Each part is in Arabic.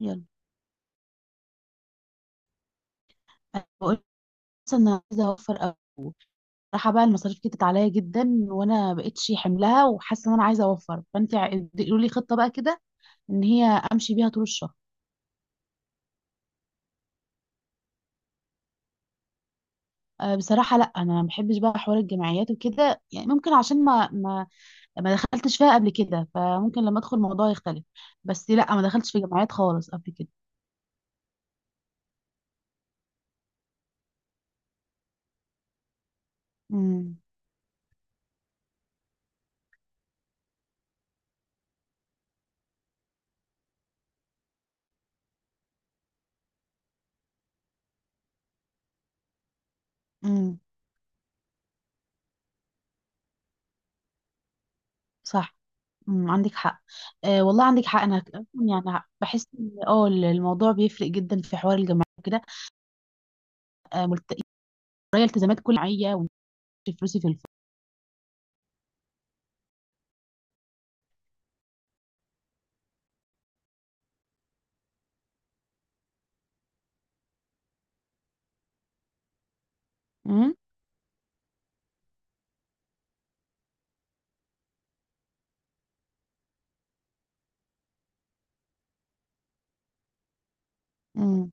يلا، أنا بقول بس انا عايزه اوفر قوي. راح بقى المصاريف كترت عليا جدا وانا بقيتش حملها وحاسه ان انا عايزه اوفر، فانت قولي لي خطه بقى كده ان هي امشي بيها طول الشهر. أه، بصراحه لا، انا ما بحبش بقى حوار الجمعيات وكده، يعني ممكن عشان ما دخلتش فيها قبل كده، فممكن لما ادخل الموضوع يختلف. بس لا، ما دخلتش في جمعيات خالص قبل كده. امم. امم. صح. امم، عندك حق. أه والله عندك حق. انا يعني بحس ان الموضوع بيفرق جدا في حوار الجمعيات. آه، ملت... ورايا التزامات، كل معايا ومش فلوسي في الفرن. امم. امم.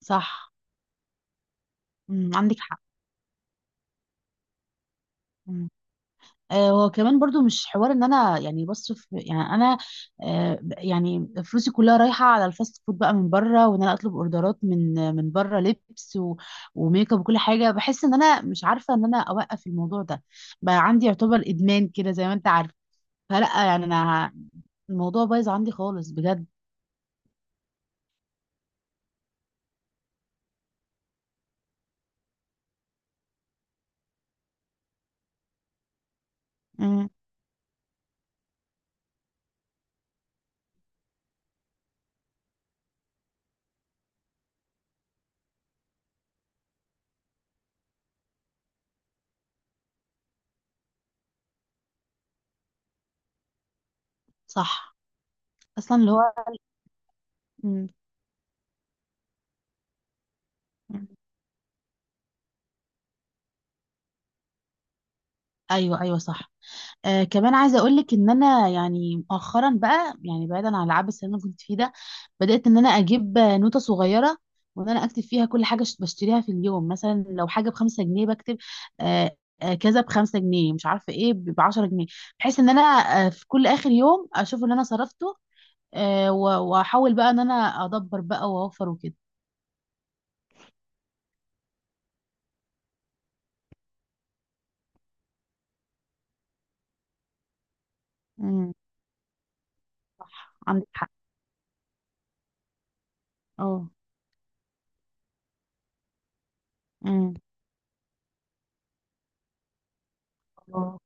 صح. امم، عندك حق. امم. وكمان برضو مش حوار ان انا يعني بصرف، يعني انا يعني فلوسي كلها رايحه على الفاست فود بقى من بره، وان انا اطلب اوردرات من بره، لبس وميك اب وكل حاجه. بحس ان انا مش عارفه ان انا اوقف الموضوع ده، بقى عندي يعتبر ادمان كده زي ما انت عارف. فلا يعني الموضوع بايظ عندي خالص بجد. امم. صح. اصلا اللي هو. امم. ايوه، ايوه، صح. كمان عايزه اقول لك ان انا يعني مؤخرا بقى، يعني بعيدا عن العبث اللي انا كنت فيه ده، بدات ان انا اجيب نوته صغيره، وان انا اكتب فيها كل حاجه بشتريها في اليوم. مثلا لو حاجه بخمسة جنيه بكتب. آه آه كذا بخمسة جنيه، مش عارفه ايه، ب 10 جنيه، بحيث ان انا في كل اخر يوم اشوف اللي انا صرفته، واحاول بقى ان انا ادبر بقى واوفر وكده. امم، صح، عندك حق. اه. امم. اه.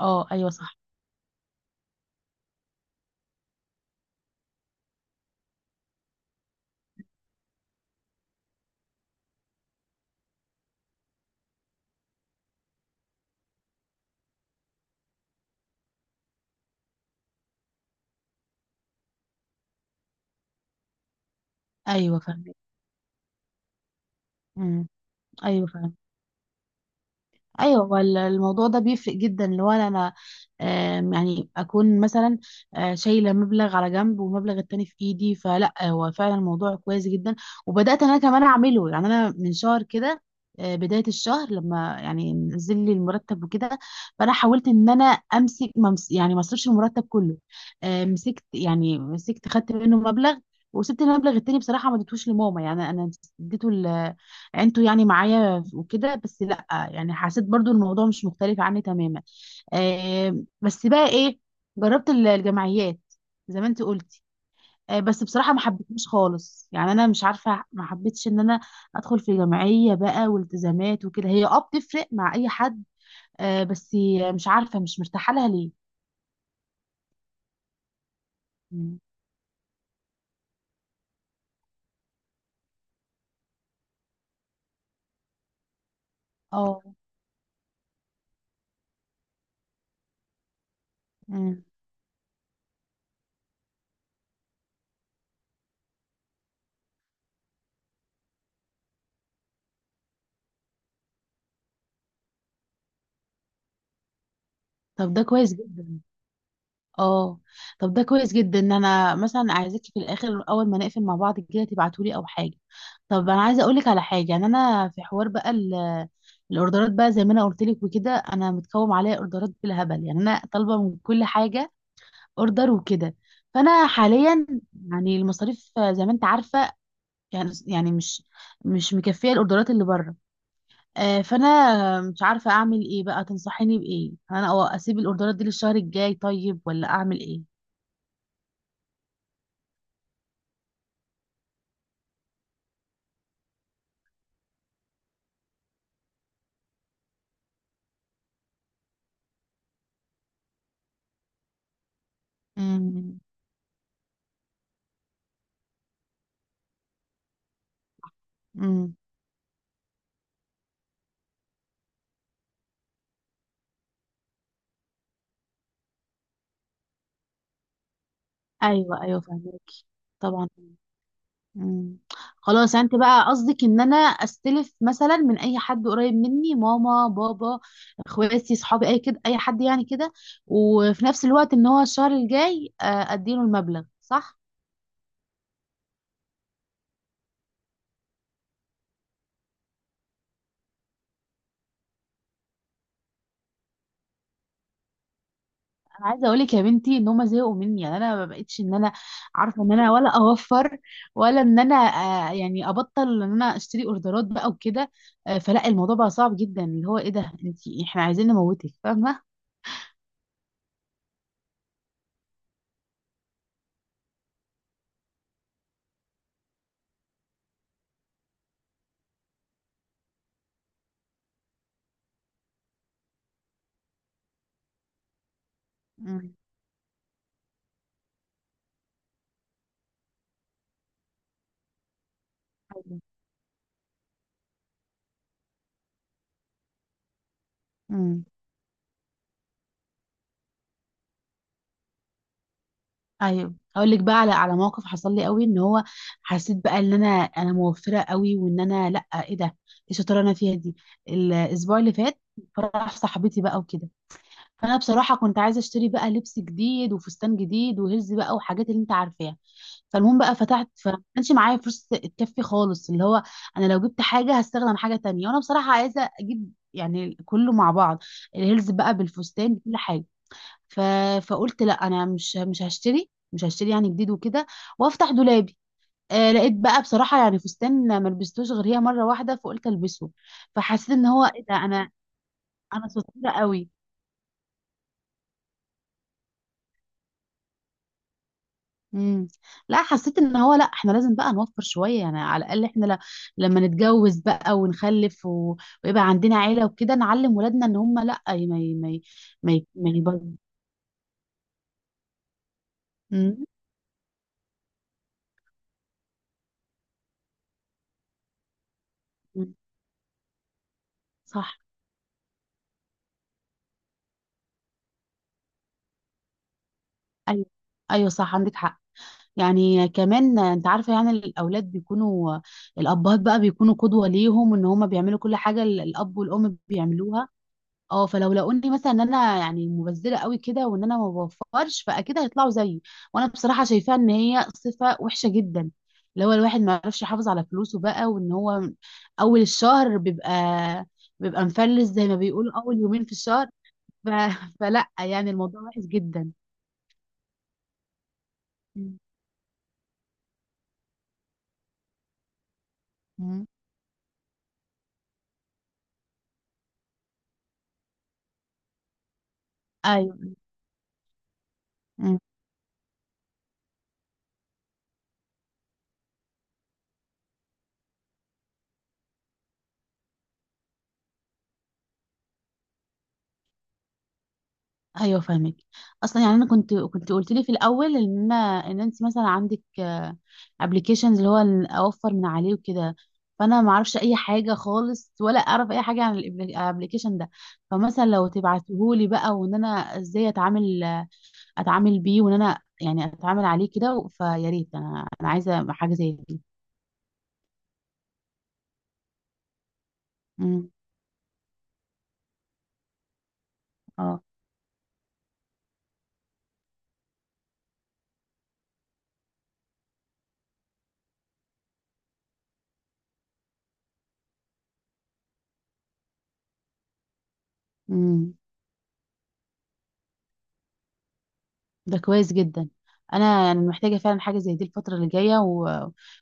ايوه، صح. ايوه، فاهمه. امم. ايوه، فاهمه. ايوه، هو الموضوع ده بيفرق جدا لو انا يعني اكون مثلا شايله مبلغ على جنب ومبلغ التاني في ايدي، فلا هو فعلا الموضوع كويس جدا. وبدات انا كمان اعمله، يعني انا من شهر كده، بدايه الشهر لما يعني نزل لي المرتب وكده، فانا حاولت ان انا امسك ما امس- يعني ما اصرفش المرتب كله. مسكت، يعني مسكت، خدت منه مبلغ وسبت المبلغ التاني. بصراحه ما اديتهوش لماما، يعني انا اديته انتوا يعني معايا وكده، بس لا يعني حسيت برضو الموضوع مش مختلف عني تماما. بس بقى ايه، جربت الجمعيات زي ما انت قلتي. بس بصراحة ما حبيتهاش خالص، يعني انا مش عارفة ما حبيتش ان انا ادخل في جمعية بقى والتزامات وكده. هي بتفرق مع اي حد. بس مش عارفة مش مرتاحة لها ليه. مم. اه. مم. طب ده كويس جدا. اه طب ده كويس جدا ان انا مثلا عايزاكي في الاخر، اول ما نقفل مع بعض كده، تبعتولي او حاجه. طب انا عايزه اقولك على حاجه، يعني انا في حوار بقى الاوردرات بقى، زي ما انا قلت لك وكده، انا متكوم عليا اوردرات بالهبل، يعني انا طالبه من كل حاجه اوردر وكده. فانا حاليا يعني المصاريف زي ما انت عارفه، يعني مش مكفيه الاوردرات اللي بره. فانا مش عارفه اعمل ايه بقى. تنصحيني بايه؟ انا أو اسيب الاوردرات دي للشهر الجاي طيب، ولا اعمل ايه؟ امم. امم. ايوه، ايوه، فهمك. طبعا. امم. خلاص، انت بقى قصدك ان انا استلف مثلا من اي حد قريب مني، ماما، بابا، اخواتي، صحابي، اي كده اي حد يعني كده، وفي نفس الوقت ان هو الشهر الجاي اديله المبلغ، صح؟ انا عايزه اقول لك يا بنتي ان هم زهقوا مني، يعني انا ما بقتش ان انا عارفه ان انا ولا اوفر، ولا ان انا يعني ابطل ان انا اشتري اوردرات بقى وكده. فلا الموضوع بقى صعب جدا، اللي هو ايه ده، انت احنا عايزين نموتك، فاهمه. امم. ايوه. امم. ايوه، اقول لك بقى على موقف حصل لي قوي، ان هو حسيت بقى ان انا موفره قوي، وان انا، لا ايه ده، ايه الشطاره اللي انا فيها دي. الاسبوع اللي فات فرح صاحبتي بقى وكده، فانا بصراحه كنت عايزه اشتري بقى لبس جديد وفستان جديد وهز بقى وحاجات اللي انت عارفاها. فالمهم بقى فتحت، فما كانش معايا فلوس تكفي خالص، اللي هو انا لو جبت حاجه هستخدم حاجه تانية، وانا بصراحه عايزه اجيب يعني كله مع بعض، الهيلز بقى بالفستان بكل حاجه. ف... فقلت لا، انا مش هشتري، يعني جديد وكده، وافتح دولابي. لقيت بقى بصراحه يعني فستان ما لبستوش غير هي مره واحده، فقلت البسه. فحسيت ان هو ايه ده، انا شطوره قوي. امم. لا، حسيت ان هو لا، احنا لازم بقى نوفر شويه، يعني على الاقل احنا لما نتجوز بقى ونخلف ويبقى عندنا عيله وكده، نعلم ولادنا ان هم لا. ما ي... ما ي... ما ي... ما ي... ما يبر- مم. مم. صح. ايوه، ايوه، صح، عندك حق. يعني كمان انت عارفه يعني الاولاد بيكونوا، الابهات بقى بيكونوا قدوه ليهم، ان هم بيعملوا كل حاجه الاب والام بيعملوها. اه فلو لقوني مثلا ان انا يعني مبذره قوي كده، وان انا ما بوفرش، فاكيد هيطلعوا زيي. وانا بصراحه شايفاها ان هي صفه وحشه جدا، اللي هو الواحد ما يعرفش يحافظ على فلوسه بقى، وان هو اول الشهر بيبقى، مفلس زي ما بيقولوا اول يومين في الشهر. ف... فلا يعني الموضوع وحش جدا. مم. مم. ايوه، ايوه، فاهمك. اصلا يعني انا كنت قلت لي في الاول ان انت مثلا عندك ابلكيشنز، اللي هو إن اوفر من عليه وكده. فانا ما اعرفش اي حاجه خالص، ولا اعرف اي حاجه عن الابلكيشن ده. فمثلا لو تبعتهولي بقى، وان انا ازاي اتعامل بيه، وان انا يعني اتعامل عليه كده، فيا ريت انا، عايزه حاجه زي دي. امم. اه، ده كويس جدا. انا يعني محتاجه فعلا حاجه زي دي الفتره اللي جايه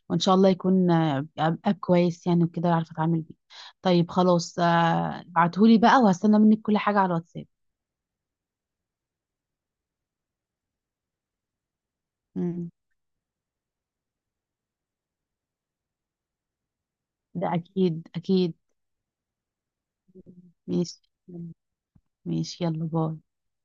وان شاء الله يكون اب كويس يعني، وكده اعرف اتعامل بيه. طيب خلاص، ابعتهولي بقى، وهستنى منك كل حاجه على الواتساب. مم. ده اكيد، اكيد. ماشي. ماشي، يلا باي.